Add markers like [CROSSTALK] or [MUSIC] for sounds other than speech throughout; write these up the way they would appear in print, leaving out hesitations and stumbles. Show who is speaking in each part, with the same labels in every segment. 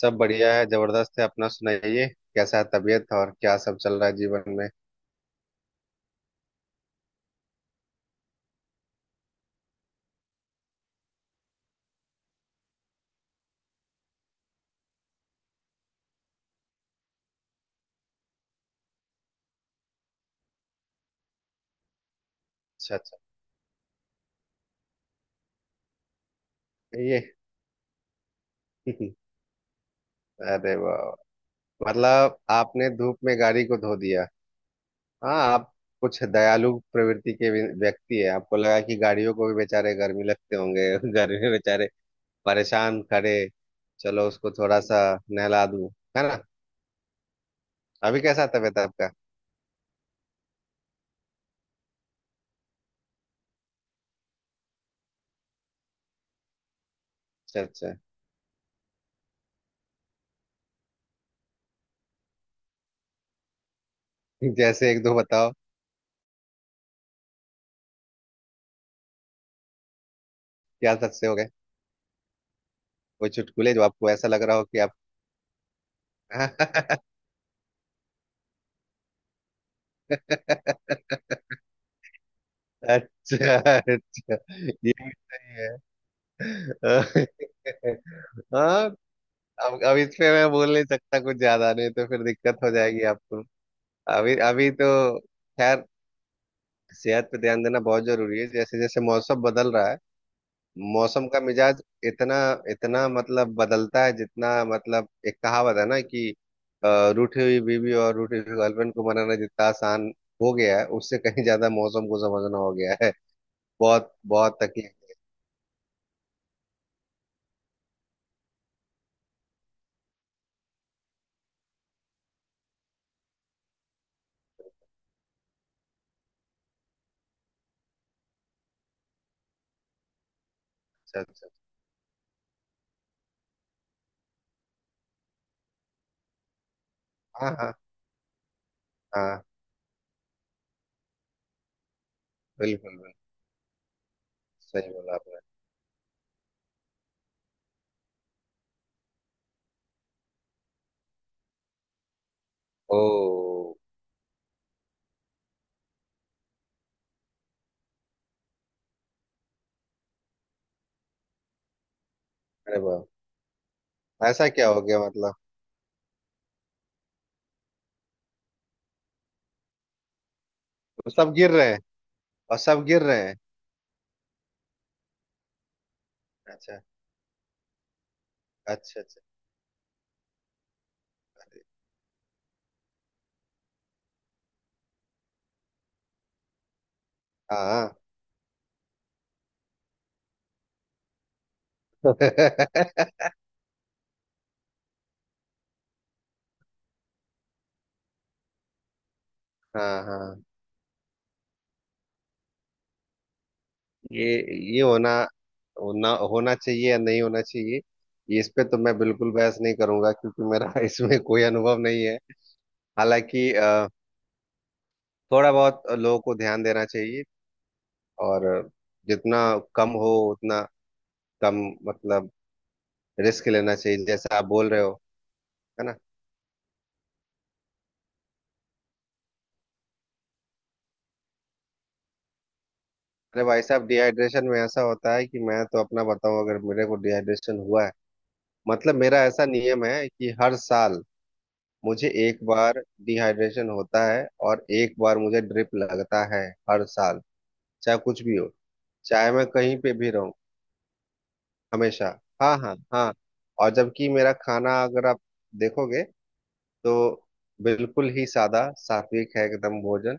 Speaker 1: सब बढ़िया है, जबरदस्त है। अपना सुनाइए, कैसा है तबीयत और क्या सब चल रहा है जीवन में। अच्छा अच्छा। ये [LAUGHS] अरे वाह! मतलब आपने धूप में गाड़ी को धो दिया। हाँ आप कुछ दयालु प्रवृत्ति के भी व्यक्ति है, आपको लगा कि गाड़ियों को भी बेचारे गर्मी लगते होंगे। [LAUGHS] गर्मी में बेचारे परेशान खड़े, चलो उसको थोड़ा सा नहला दूं, है ना। अभी कैसा तबीयत है आपका? अच्छा अच्छा। [LAUGHS] जैसे एक दो बताओ। क्या सच से हो गए? कोई चुटकुले जो आपको ऐसा लग रहा हो कि आप… [LAUGHS] अच्छा अच्छा। ये भी सही है। [LAUGHS] हाँ। अब इस पे मैं बोल नहीं सकता कुछ ज्यादा, नहीं तो फिर दिक्कत हो जाएगी आपको। अभी अभी तो… खैर। सेहत पे ध्यान देना बहुत जरूरी है, जैसे जैसे मौसम बदल रहा है। मौसम का मिजाज इतना, इतना मतलब बदलता है जितना… मतलब एक कहावत है ना कि रूठी हुई बीवी और रूठी हुई गर्लफ्रेंड को मनाना जितना आसान हो गया है, उससे कहीं ज्यादा मौसम को समझना हो गया है। बहुत बहुत तकलीफ। अच्छा अच्छा। हाँ हाँ हाँ। बिल्कुल बिल्कुल। सही बोला आपने। ओ। अरे वाह! ऐसा क्या हो गया मतलब? तो सब गिर रहे हैं? और सब गिर रहे हैं? अच्छा अच्छा अच्छा। हाँ। [LAUGHS] हाँ हाँ। ये ये होना होना होना चाहिए या नहीं होना चाहिए, ये, इस पे तो मैं बिल्कुल बहस नहीं करूंगा क्योंकि मेरा [LAUGHS] इसमें कोई अनुभव नहीं है। हालांकि थोड़ा बहुत लोगों को ध्यान देना चाहिए, और जितना कम हो उतना कम, मतलब रिस्क लेना चाहिए जैसा आप बोल रहे हो, है ना। अरे भाई साहब, डिहाइड्रेशन में ऐसा होता है कि मैं तो अपना बताऊं, अगर मेरे को डिहाइड्रेशन हुआ है… मतलब मेरा ऐसा नियम है कि हर साल मुझे एक बार डिहाइड्रेशन होता है और एक बार मुझे ड्रिप लगता है, हर साल। चाहे कुछ भी हो, चाहे मैं कहीं पे भी रहूं, हमेशा। हाँ हाँ हाँ। और जबकि मेरा खाना अगर आप देखोगे, तो बिल्कुल ही सादा सात्विक है, एकदम भोजन,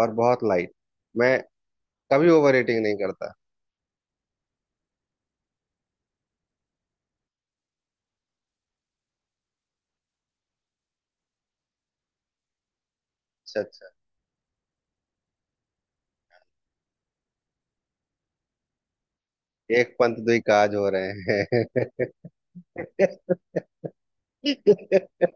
Speaker 1: और बहुत लाइट। मैं कभी ओवर ईटिंग नहीं करता। एक पंथ दुई काज हो रहे हैं। [LAUGHS]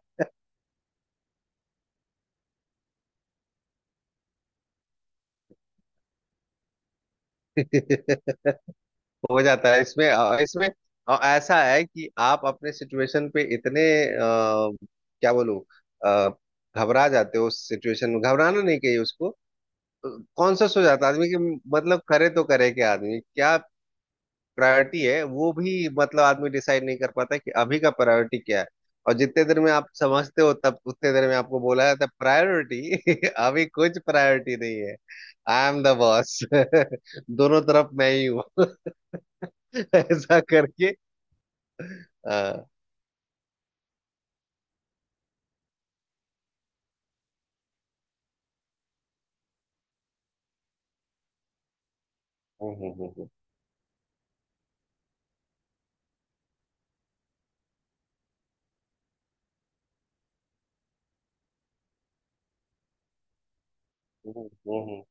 Speaker 1: हो जाता है इसमें, इसमें ऐसा है कि आप अपने सिचुएशन पे इतने क्या बोलूं, अ, घबरा जाते हो। उस सिचुएशन में घबराना नहीं चाहिए उसको, कॉन्शस हो जाता है आदमी कि मतलब करे तो करे क्या आदमी, क्या प्रायोरिटी है वो भी, मतलब आदमी डिसाइड नहीं कर पाता है कि अभी का प्रायोरिटी क्या है। और जितने देर में आप समझते हो, तब उतने देर में आपको बोला जाता है प्रायोरिटी [LAUGHS] अभी कुछ प्रायोरिटी नहीं है। I am the boss. [LAUGHS] दोनों तरफ मैं ही हूँ। [LAUGHS] ऐसा करके। हाँ। हम्म, हम्म, हम्म, हम्म, हम्म,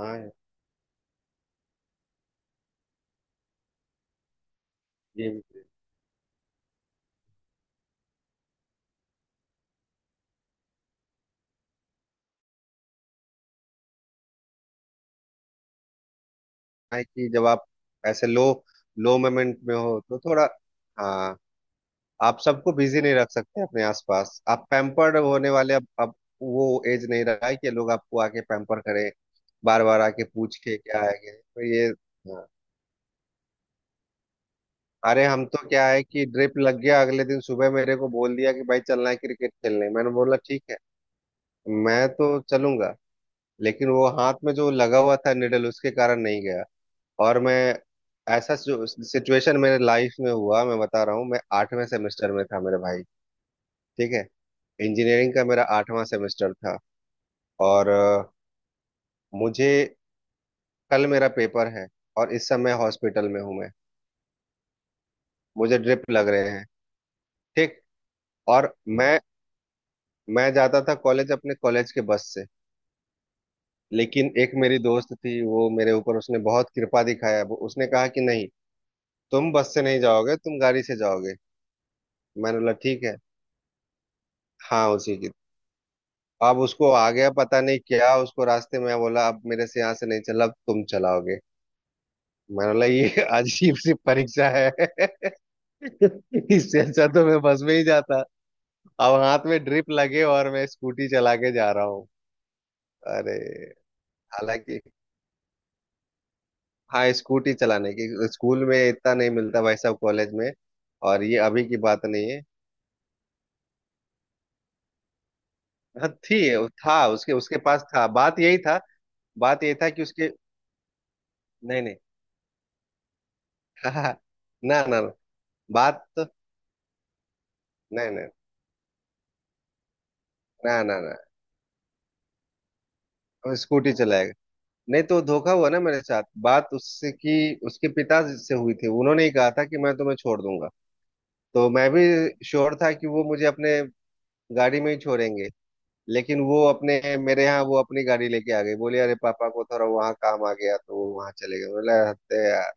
Speaker 1: हाँ, ये भी है कि जब आप ऐसे लो, लो मोमेंट में हो तो थोड़ा… हाँ, आप सबको बिजी नहीं रख सकते अपने आसपास। आप पैम्पर्ड होने वाले… अब वो एज नहीं रहा है कि लोग आपको आके पैम्पर करें, बार बार आके पूछ के क्या है क्या है। तो ये हाँ। अरे, हम तो क्या है कि ड्रिप लग गया, अगले दिन सुबह मेरे को बोल दिया कि भाई चलना है क्रिकेट खेलने। मैंने बोला ठीक है, मैं तो चलूंगा। लेकिन वो हाथ में जो लगा हुआ था निडल, उसके कारण नहीं गया। और मैं… ऐसा सिचुएशन मेरे लाइफ में हुआ, मैं बता रहा हूँ, मैं आठवें सेमेस्टर में था मेरे भाई, ठीक है, इंजीनियरिंग का मेरा आठवां सेमेस्टर था। और मुझे… कल मेरा पेपर है और इस समय हॉस्पिटल में हूं मैं, मुझे ड्रिप लग रहे हैं, ठीक। और मैं जाता था कॉलेज अपने कॉलेज के बस से। लेकिन एक मेरी दोस्त थी, वो मेरे ऊपर उसने बहुत कृपा दिखाया, वो उसने कहा कि नहीं, तुम बस से नहीं जाओगे, तुम गाड़ी से जाओगे। मैंने बोला ठीक है। हाँ, उसी की। अब उसको आ गया पता नहीं क्या, उसको रास्ते में बोला अब मेरे से यहाँ से नहीं चला, अब तुम चलाओगे। मतलब ये अजीब सी परीक्षा है। [LAUGHS] इससे अच्छा तो मैं बस में ही जाता। अब हाथ में ड्रिप लगे और मैं स्कूटी चला के जा रहा हूँ। अरे। हालांकि… हाँ, स्कूटी चलाने की। स्कूल में इतना नहीं मिलता भाई साहब, कॉलेज में। और ये अभी की बात नहीं है। हाँ थी। था, उसके उसके पास था, बात यही था। बात यही था कि उसके… नहीं नहीं। [LAUGHS] ना ना ना, बात तो… नहीं नहीं। ना ना ना। स्कूटी चलाएगा। नहीं तो धोखा हुआ ना मेरे साथ, बात उससे कि उसके पिता से हुई थी, उन्होंने ही कहा था कि मैं तुम्हें छोड़ दूंगा। तो मैं भी श्योर था कि वो मुझे अपने गाड़ी में ही छोड़ेंगे। लेकिन वो अपने मेरे यहाँ वो अपनी गाड़ी लेके आ गई, बोली अरे पापा को थोड़ा वहाँ काम आ गया तो वो वहाँ चले गए, बोला "हत्ते यार"।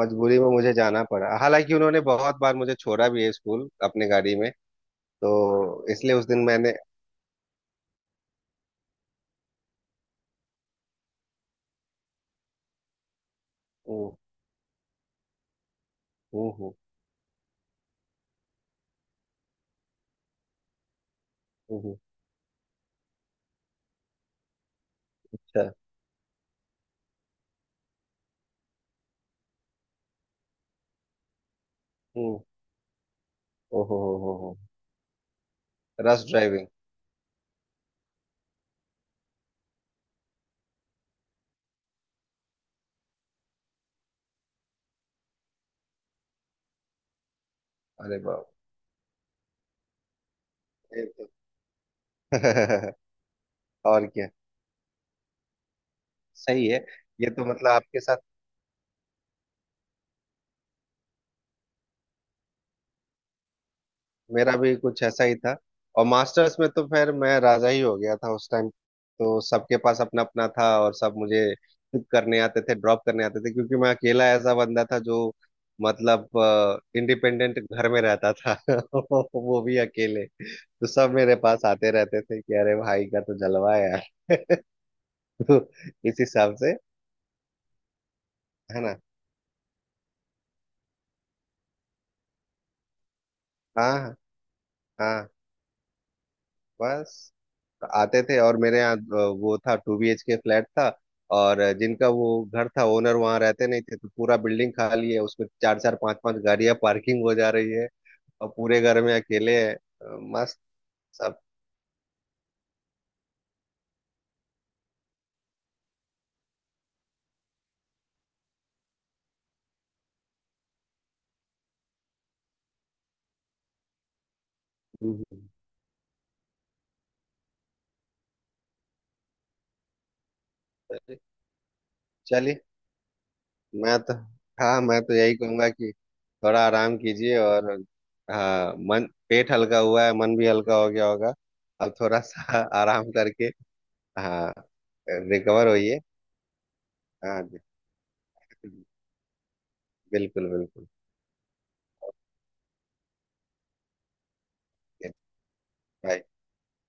Speaker 1: मजबूरी में मुझे जाना पड़ा, हालांकि उन्होंने बहुत बार मुझे छोड़ा भी है स्कूल अपनी गाड़ी में, तो इसलिए उस दिन मैंने… हम्म, हम्म, हम्म, हम्म, हम्म, अच्छा, हम्म। ओहो हो हो। Rush driving. अरे बाप! ये तो [LAUGHS] और क्या। सही है। ये तो मतलब आपके साथ… मेरा भी कुछ ऐसा ही था। और मास्टर्स में तो फिर मैं राजा ही हो गया था, उस टाइम तो सबके पास अपना अपना था और सब मुझे पिक करने आते थे, ड्रॉप करने आते थे, क्योंकि मैं अकेला ऐसा बंदा था जो मतलब इंडिपेंडेंट घर में रहता था। [LAUGHS] वो भी अकेले, तो सब मेरे पास आते रहते थे कि अरे भाई का तो जलवा है यार। [LAUGHS] तो इस हिसाब से, है ना। हाँ हाँ हाँ, बस आते थे। और मेरे यहाँ वो था, 2 BHK फ्लैट था। और जिनका वो घर था ओनर, वहाँ रहते नहीं थे, तो पूरा बिल्डिंग खाली है, उसमें चार चार पांच पांच गाड़ियां पार्किंग हो जा रही है। और पूरे घर में अकेले है, मस्त। सब हम्म। चलिए। मैं तो… हाँ मैं तो यही कहूंगा कि थोड़ा आराम कीजिए और… हाँ, मन, पेट हल्का हुआ है, मन भी हल्का हो गया होगा। अब थोड़ा सा [LAUGHS] आराम करके… हाँ, रिकवर होइए। हाँ बिल्कुल बिल्कुल। बाय।